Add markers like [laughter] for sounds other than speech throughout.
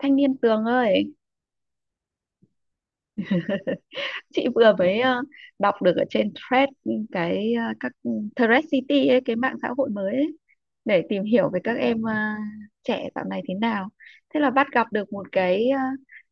Thanh niên Tường ơi, chị vừa mới đọc được ở trên thread các thread city ấy, cái mạng xã hội mới ấy, để tìm hiểu về các em trẻ dạo này thế nào. Thế là bắt gặp được một cái ờ,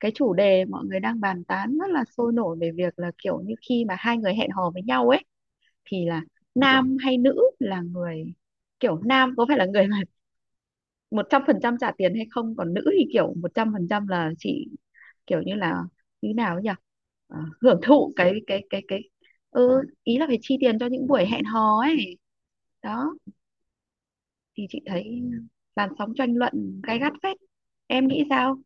cái chủ đề mọi người đang bàn tán rất là sôi nổi về việc là kiểu như khi mà hai người hẹn hò với nhau ấy thì là nam hay nữ là người, kiểu nam có phải là người mà một trăm phần trăm trả tiền hay không, còn nữ thì kiểu một trăm phần trăm là chỉ kiểu như là như nào ấy nhỉ? Hưởng thụ ý là phải chi tiền cho những buổi hẹn hò ấy đó, thì chị thấy làn sóng tranh luận gay gắt phết, em nghĩ sao?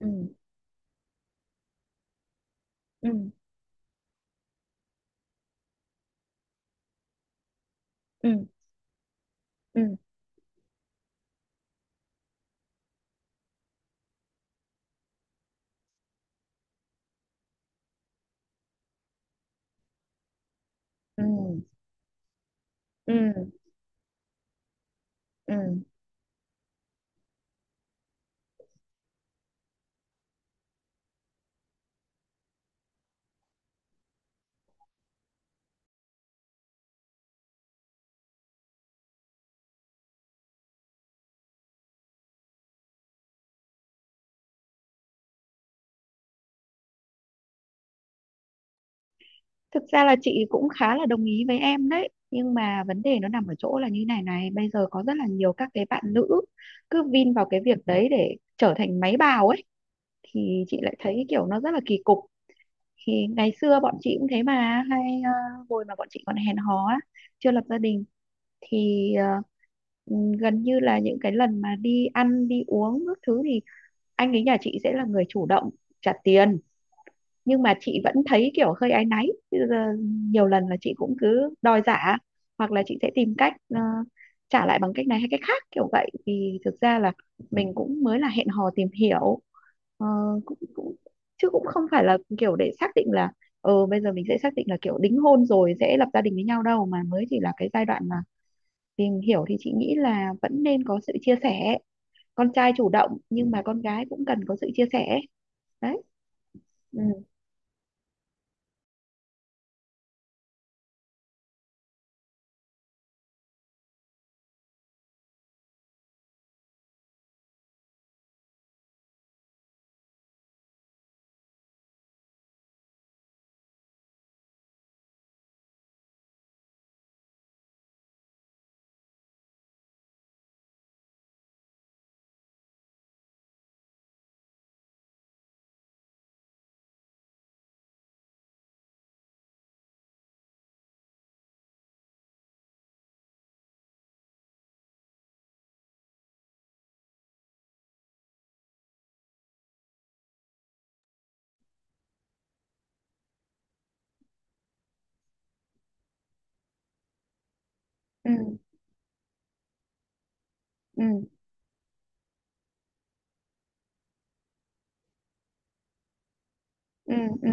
Ừ. Ừ. Ừ. Ừ. Ừ. Ừ. Ừ. Thực ra là chị cũng khá là đồng ý với em đấy, nhưng mà vấn đề nó nằm ở chỗ là như này này, bây giờ có rất là nhiều các cái bạn nữ cứ vin vào cái việc đấy để trở thành máy bào ấy, thì chị lại thấy kiểu nó rất là kỳ cục. Thì ngày xưa bọn chị cũng thế mà, hay hồi mà bọn chị còn hẹn hò á, chưa lập gia đình thì gần như là những cái lần mà đi ăn đi uống các thứ thì anh ấy nhà chị sẽ là người chủ động trả tiền, nhưng mà chị vẫn thấy kiểu hơi áy náy. Bây giờ nhiều lần là chị cũng cứ đòi giả, hoặc là chị sẽ tìm cách trả lại bằng cách này hay cách khác kiểu vậy, vì thực ra là mình cũng mới là hẹn hò tìm hiểu. Ờ, cũng chứ cũng không phải là kiểu để xác định là, ờ bây giờ mình sẽ xác định là kiểu đính hôn rồi sẽ lập gia đình với nhau đâu, mà mới chỉ là cái giai đoạn mà tìm hiểu, thì chị nghĩ là vẫn nên có sự chia sẻ, con trai chủ động nhưng mà con gái cũng cần có sự chia sẻ. Đấy. Ừ. Ừ. Ừ. Ừ. Ừ.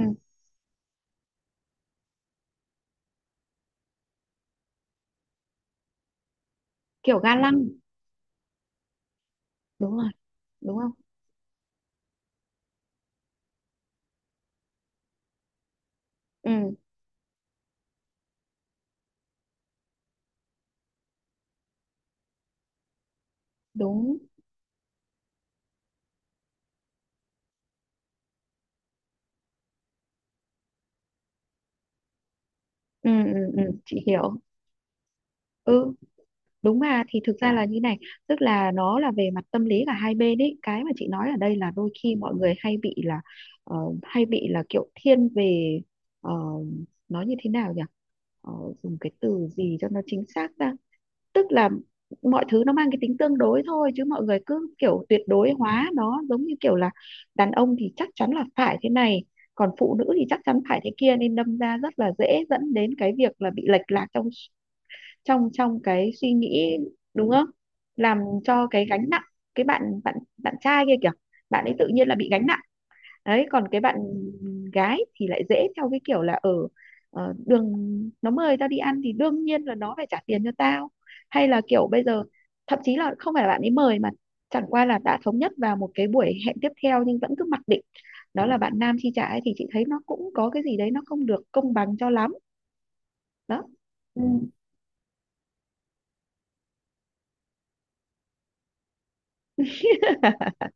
Kiểu ga lăng. Đúng rồi. Đúng không? Ừ. Đúng. Ừ. Ừ. Ừ, chị hiểu. Ừ, đúng mà. Thì thực ra là như này, tức là nó là về mặt tâm lý cả hai bên ấy, cái mà chị nói ở đây là đôi khi mọi người hay bị là ờ, hay bị là kiểu thiên về, ờ, nói như thế nào nhỉ? Ờ, Dùng cái từ gì cho nó chính xác ra, tức là mọi thứ nó mang cái tính tương đối thôi, chứ mọi người cứ kiểu tuyệt đối hóa nó, giống như kiểu là đàn ông thì chắc chắn là phải thế này, còn phụ nữ thì chắc chắn phải thế kia, nên đâm ra rất là dễ dẫn đến cái việc là bị lệch lạc trong trong trong cái suy nghĩ, đúng không? Làm cho cái gánh nặng, cái bạn bạn bạn trai kia kìa, bạn ấy tự nhiên là bị gánh nặng. Đấy, còn cái bạn gái thì lại dễ theo cái kiểu là ở, đường nó mời tao đi ăn thì đương nhiên là nó phải trả tiền cho tao, hay là kiểu bây giờ thậm chí là không phải là bạn ấy mời, mà chẳng qua là đã thống nhất vào một cái buổi hẹn tiếp theo nhưng vẫn cứ mặc định đó là bạn nam chi trả ấy, thì chị thấy nó cũng có cái gì đấy nó không được công bằng cho lắm. Đó. Ừ. [laughs]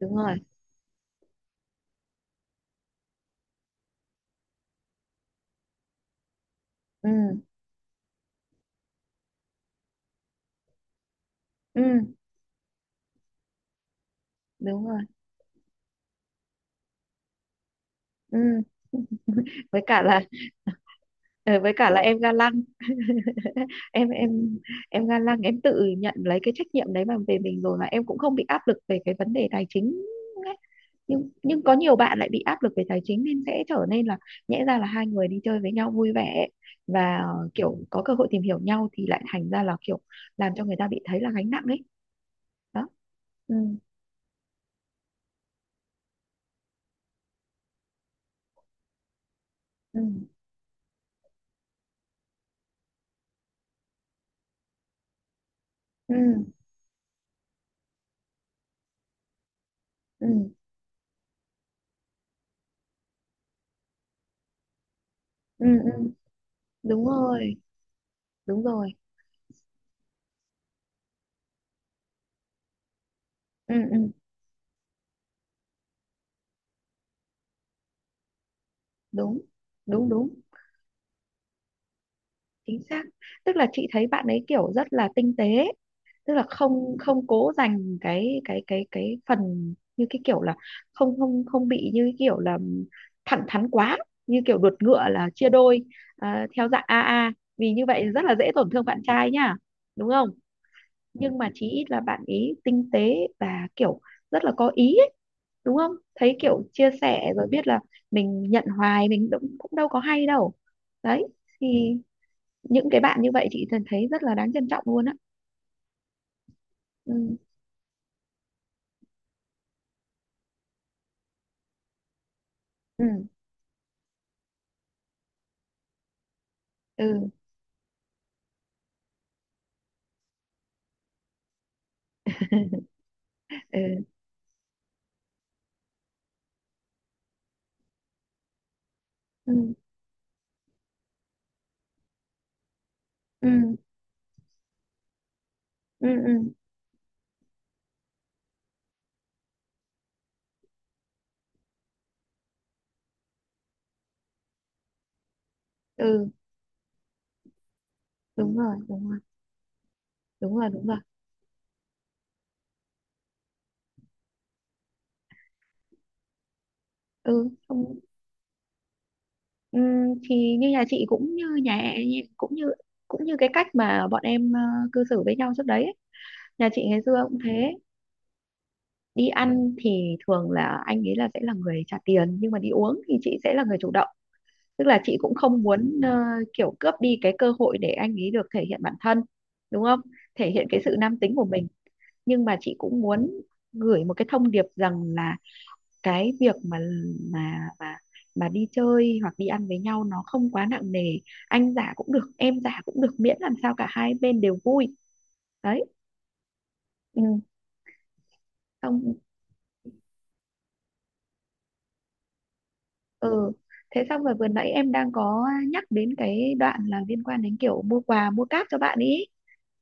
Đúng rồi. Ừ. Ừ. Đúng rồi. Ừ, với cả là em ga lăng. [laughs] em em em ga lăng, em tự nhận lấy cái trách nhiệm đấy mà về mình rồi, mà em cũng không bị áp lực về cái vấn đề tài chính ấy. Nhưng có nhiều bạn lại bị áp lực về tài chính nên sẽ trở nên là, nhẽ ra là hai người đi chơi với nhau vui vẻ và kiểu có cơ hội tìm hiểu nhau, thì lại thành ra là kiểu làm cho người ta bị thấy là gánh nặng ấy. Đó. Ừ. Ừ. Ừ. Ừ. Ừ. Ừ. Đúng rồi. Đúng rồi. Ừ. Ừ. Đúng. Đúng. Đúng. Chính xác, tức là chị thấy bạn ấy kiểu rất là tinh tế, tức là không không cố dành cái phần như cái kiểu là, không không không bị như cái kiểu là thẳng thắn quá, như kiểu đột ngựa là chia đôi, à, theo dạng AA, vì như vậy rất là dễ tổn thương bạn trai nhá, đúng không? Nhưng mà chí ít là bạn ý tinh tế và kiểu rất là có ý ấy, đúng không, thấy kiểu chia sẻ rồi biết là mình nhận hoài mình cũng cũng đâu có hay đâu. Đấy, thì những cái bạn như vậy chị thấy rất là đáng trân trọng luôn á. Ừ. Ừ. Ừ. Ừ. Ừ. Ừ. Ừ. Ừ. Ừ. Đúng rồi. Đúng rồi. Đúng rồi. Đúng rồi. Ừ, không. Ừ, thì như nhà chị cũng như cũng như cái cách mà bọn em cư xử với nhau trước đấy ấy. Nhà chị ngày xưa cũng thế, đi ăn thì thường là anh ấy là sẽ là người trả tiền, nhưng mà đi uống thì chị sẽ là người chủ động, tức là chị cũng không muốn kiểu cướp đi cái cơ hội để anh ấy được thể hiện bản thân, đúng không, thể hiện cái sự nam tính của mình. Nhưng mà chị cũng muốn gửi một cái thông điệp rằng là, cái việc mà mà mà đi chơi hoặc đi ăn với nhau nó không quá nặng nề, anh giả cũng được em giả cũng được, miễn làm sao cả hai bên đều vui. Đấy. Ừ. Xong. Ừ, thế xong rồi vừa nãy em đang có nhắc đến cái đoạn là liên quan đến kiểu mua quà mua cáp cho bạn ý,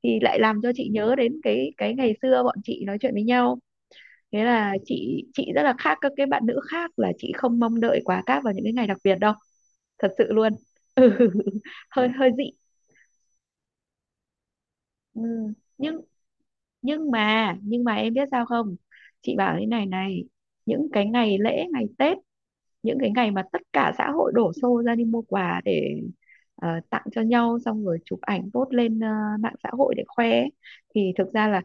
thì lại làm cho chị nhớ đến cái ngày xưa bọn chị nói chuyện với nhau. Thế là chị rất là khác các cái bạn nữ khác là chị không mong đợi quà cáp vào những cái ngày đặc biệt đâu, thật sự luôn, hơi hơi dị. Ừ. nhưng nhưng mà em biết sao không, chị bảo thế này này, những cái ngày lễ ngày Tết, những cái ngày mà tất cả xã hội đổ xô ra đi mua quà để tặng cho nhau, xong rồi chụp ảnh post lên mạng xã hội để khoe ấy, thì thực ra là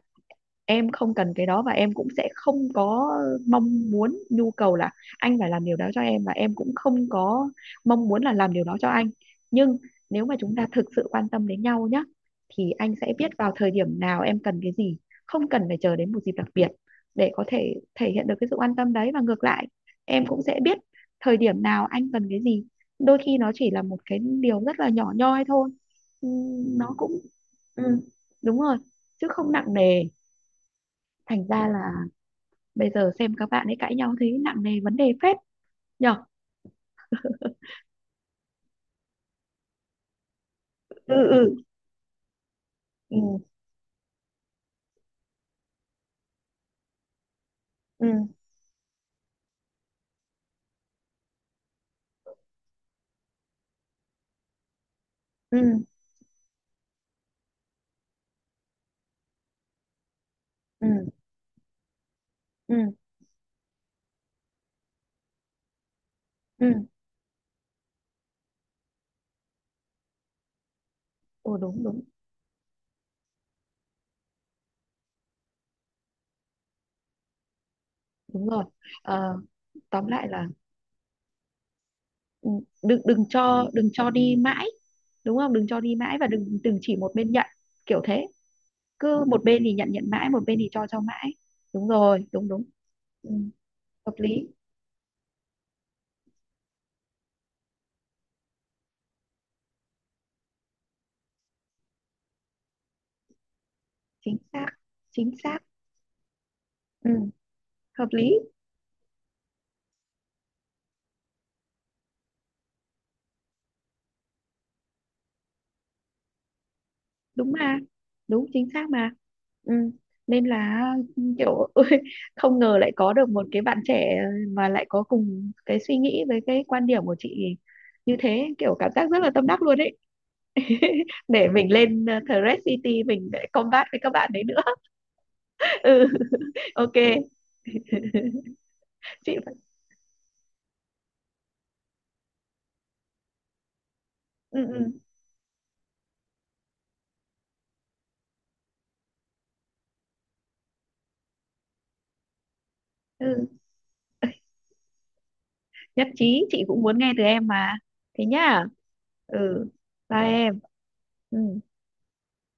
em không cần cái đó, và em cũng sẽ không có mong muốn nhu cầu là anh phải làm điều đó cho em, và em cũng không có mong muốn là làm điều đó cho anh. Nhưng nếu mà chúng ta thực sự quan tâm đến nhau nhá, thì anh sẽ biết vào thời điểm nào em cần cái gì, không cần phải chờ đến một dịp đặc biệt để có thể thể hiện được cái sự quan tâm đấy, và ngược lại em cũng sẽ biết thời điểm nào anh cần cái gì. Đôi khi nó chỉ là một cái điều rất là nhỏ nhoi thôi. Nó cũng ừ, đúng rồi, chứ không nặng nề. Thành ra là bây giờ xem các bạn ấy cãi nhau thấy nặng nề vấn đề phết nhở. Ừ. Dạ. Ừ, vâng. Ừ. Ừ. Ừ. Ừ. Ừ. Ừ. Ừ. Đúng. Đúng. Đúng rồi. Ờ, Tóm lại là, ừ, đừng đừng cho đừng cho đi mãi, đúng không, đừng cho đi mãi, và đừng đừng chỉ một bên nhận, kiểu thế, cứ một bên thì nhận nhận mãi, một bên thì cho mãi. Đúng rồi. Đúng. Đúng. Ừ, hợp lý. Chính xác. Chính xác. Ừ, hợp lý. Đúng mà. Đúng, chính xác mà. Ừ. Nên là, ừ, kiểu [laughs] ôi, không ngờ lại có được một cái bạn trẻ mà lại có cùng cái suy nghĩ với cái quan điểm của chị như thế, kiểu cảm giác rất là tâm đắc luôn ấy. [laughs] Để mình lên Thread City mình để combat với các bạn đấy nữa. [laughs] Ừ, ok. chị phải- ừ, ừ, ừ. Nhất trí, chị cũng muốn nghe từ em mà, thế nhá. Ừ, bye em. Ừ.